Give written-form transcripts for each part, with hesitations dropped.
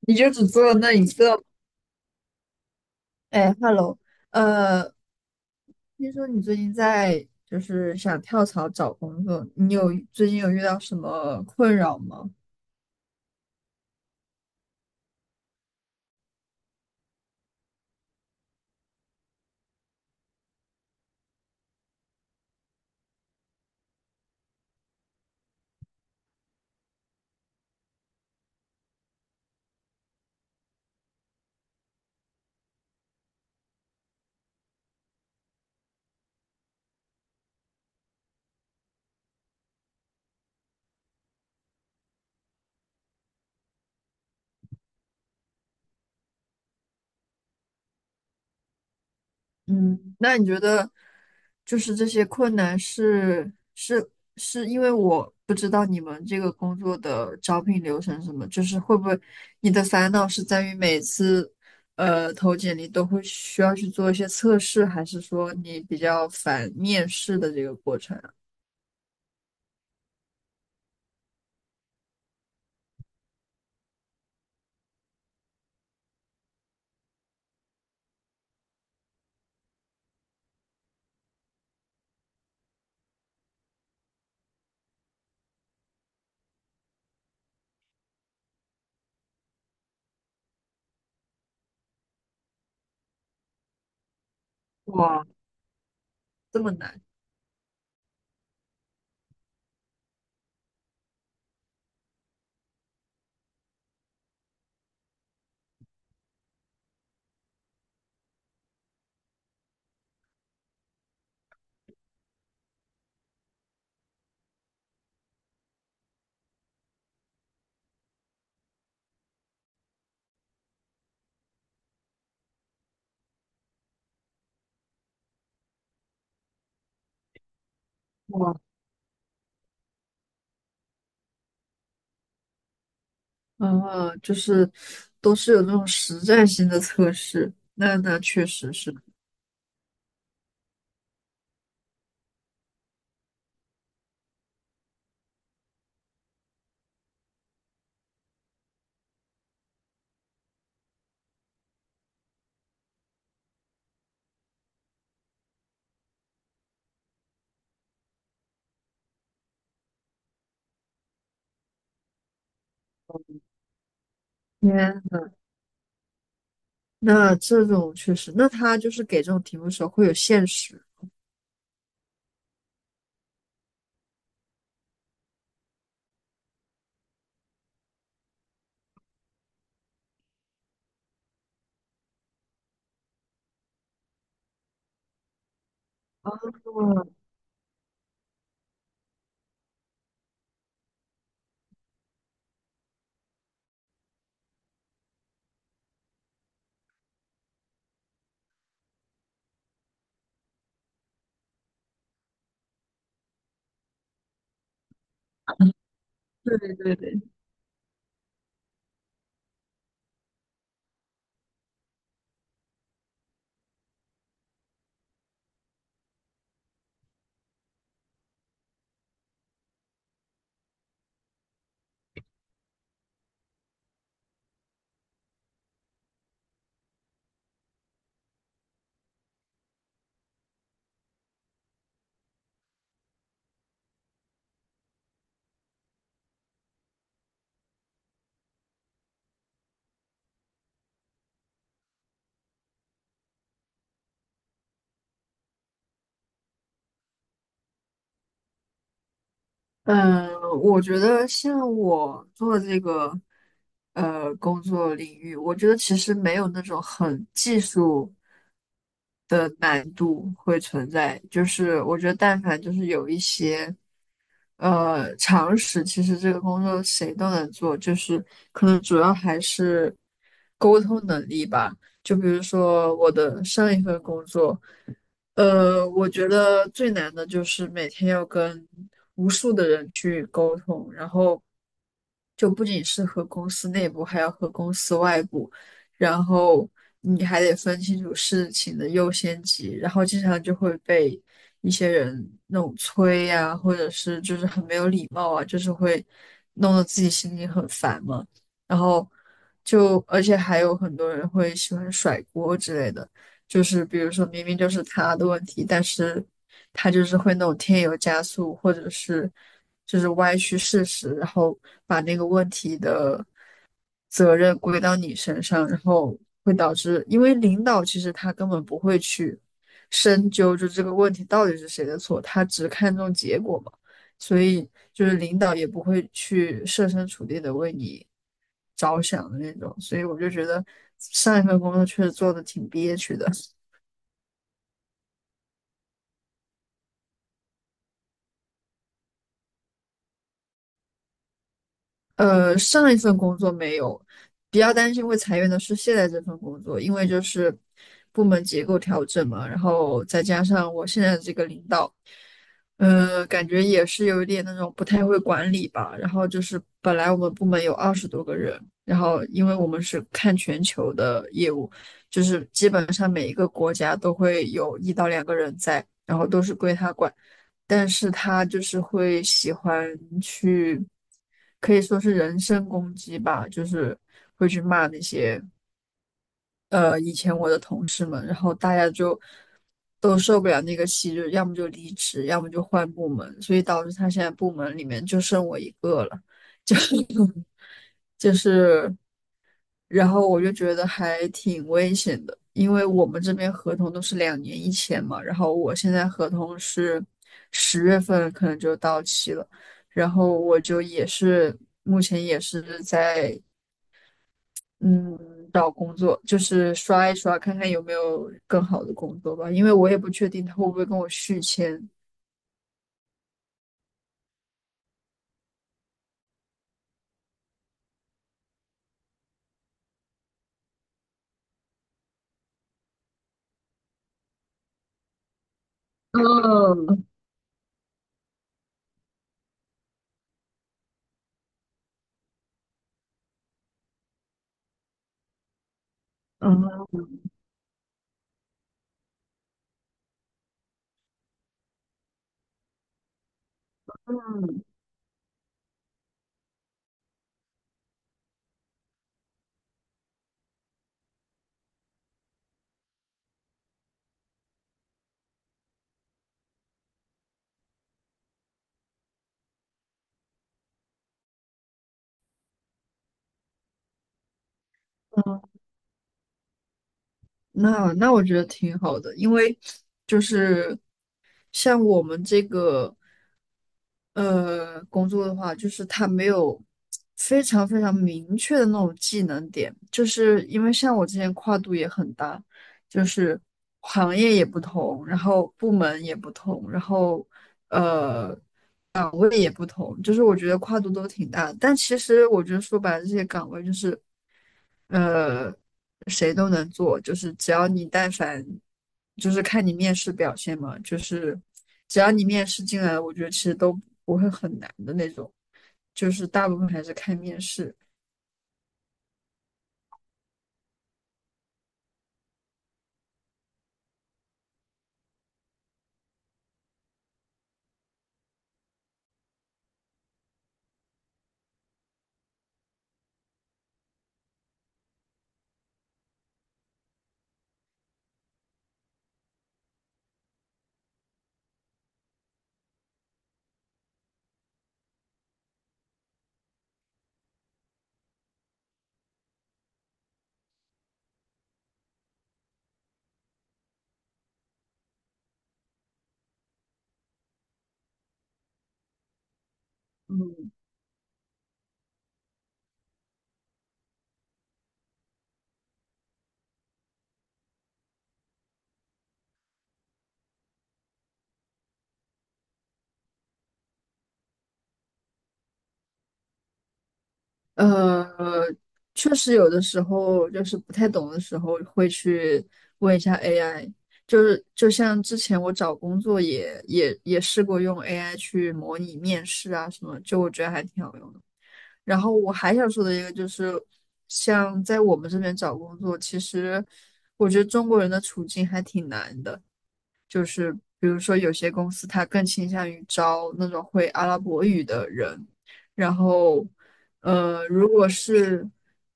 你就只做了那一个吗？哎，hello，呃，听说你最近在就是想跳槽找工作，你有最近有遇到什么困扰吗？嗯，那你觉得就是这些困难是是是因为我不知道你们这个工作的招聘流程是什么，就是会不会你的烦恼是在于每次投简历都会需要去做一些测试，还是说你比较烦面试的这个过程啊？这么难？哇，啊，就是都是有这种实战性的测试，那确实是，天那这种确实，那他就是给这种题目的时候会有限时。嗯，对对对对。嗯，我觉得像我做这个工作领域，我觉得其实没有那种很技术的难度会存在，就是我觉得但凡就是有一些。呃，常识其实这个工作谁都能做，就是可能主要还是沟通能力吧。就比如说我的上一份工作，呃，我觉得最难的就是每天要跟无数的人去沟通，然后就不仅是和公司内部，还要和公司外部，然后你还得分清楚事情的优先级，然后经常就会被一些人那种催呀、或者是就是很没有礼貌啊，就是会弄得自己心里很烦嘛，然后就而且还有很多人会喜欢甩锅之类的。就是比如说明明就是他的问题，但是他就是会那种添油加醋，或者是就是歪曲事实，然后把那个问题的责任归到你身上，然后会导致，因为领导其实他根本不会去深究就这个问题到底是谁的错，他只看重结果嘛，所以就是领导也不会去设身处地的为你着想的那种，所以我就觉得上一份工作确实做的挺憋屈的。呃，上一份工作没有，比较担心会裁员的是现在这份工作，因为就是部门结构调整嘛，然后再加上我现在的这个领导。呃，感觉也是有一点那种不太会管理吧。然后就是本来我们部门有20多个人，然后因为我们是看全球的业务，就是基本上每一个国家都会有1到2个人在，然后都是归他管。但是他就是会喜欢去，可以说是人身攻击吧，就是会去骂那些。呃以前我的同事们，然后大家就都受不了那个气，就要么就离职，要么就换部门，所以导致他现在部门里面就剩我一个了，就 就是，然后我就觉得还挺危险的，因为我们这边合同都是2年一签嘛，然后我现在合同是10月份可能就到期了，然后我就也是目前也是在。嗯，找工作就是刷一刷，看看有没有更好的工作吧，因为我也不确定他会不会跟我续签。嗯嗯，嗯，那我觉得挺好的，因为就是像我们这个工作的话，就是它没有非常非常明确的那种技能点，就是因为像我之前跨度也很大，就是行业也不同，然后部门也不同，然后呃也不同，就是我觉得跨度都挺大的但其实我觉得说白了，这些岗位就是呃，谁都能做，就是只要你但凡，就是看你面试表现嘛，就是只要你面试进来了我觉得其实都不会很难的那种，就是大部分还是看面试。嗯，呃，确实有的时候就是不太懂的时候会去问一下 AI，就是就像之前我找工作也试过用 AI 去模拟面试啊什么，就我觉得还挺好用的。然后我还想说的一个就是，像在我们这边找工作，其实我觉得中国人的处境还挺难的。比如说，有些公司它更倾向于招那种会阿拉伯语的人，然后，呃，如果是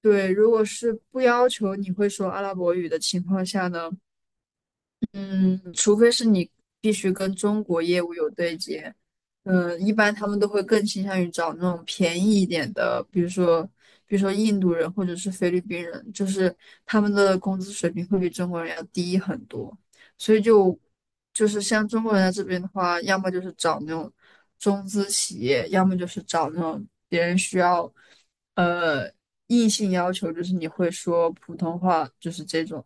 对，如果是不要求你会说阿拉伯语的情况下呢，嗯，除非是你必须跟中国业务有对接，嗯，一般他们都会更倾向于找那种便宜一点的，比如说，比如说印度人或者是菲律宾人，就是他们的工资水平会比中国人要低很多，所以就就是像中国人在这边的话，要么就是找那种中资企业，要么就是找那种别人需要，呃，硬性要求就是你会说普通话，就是这种。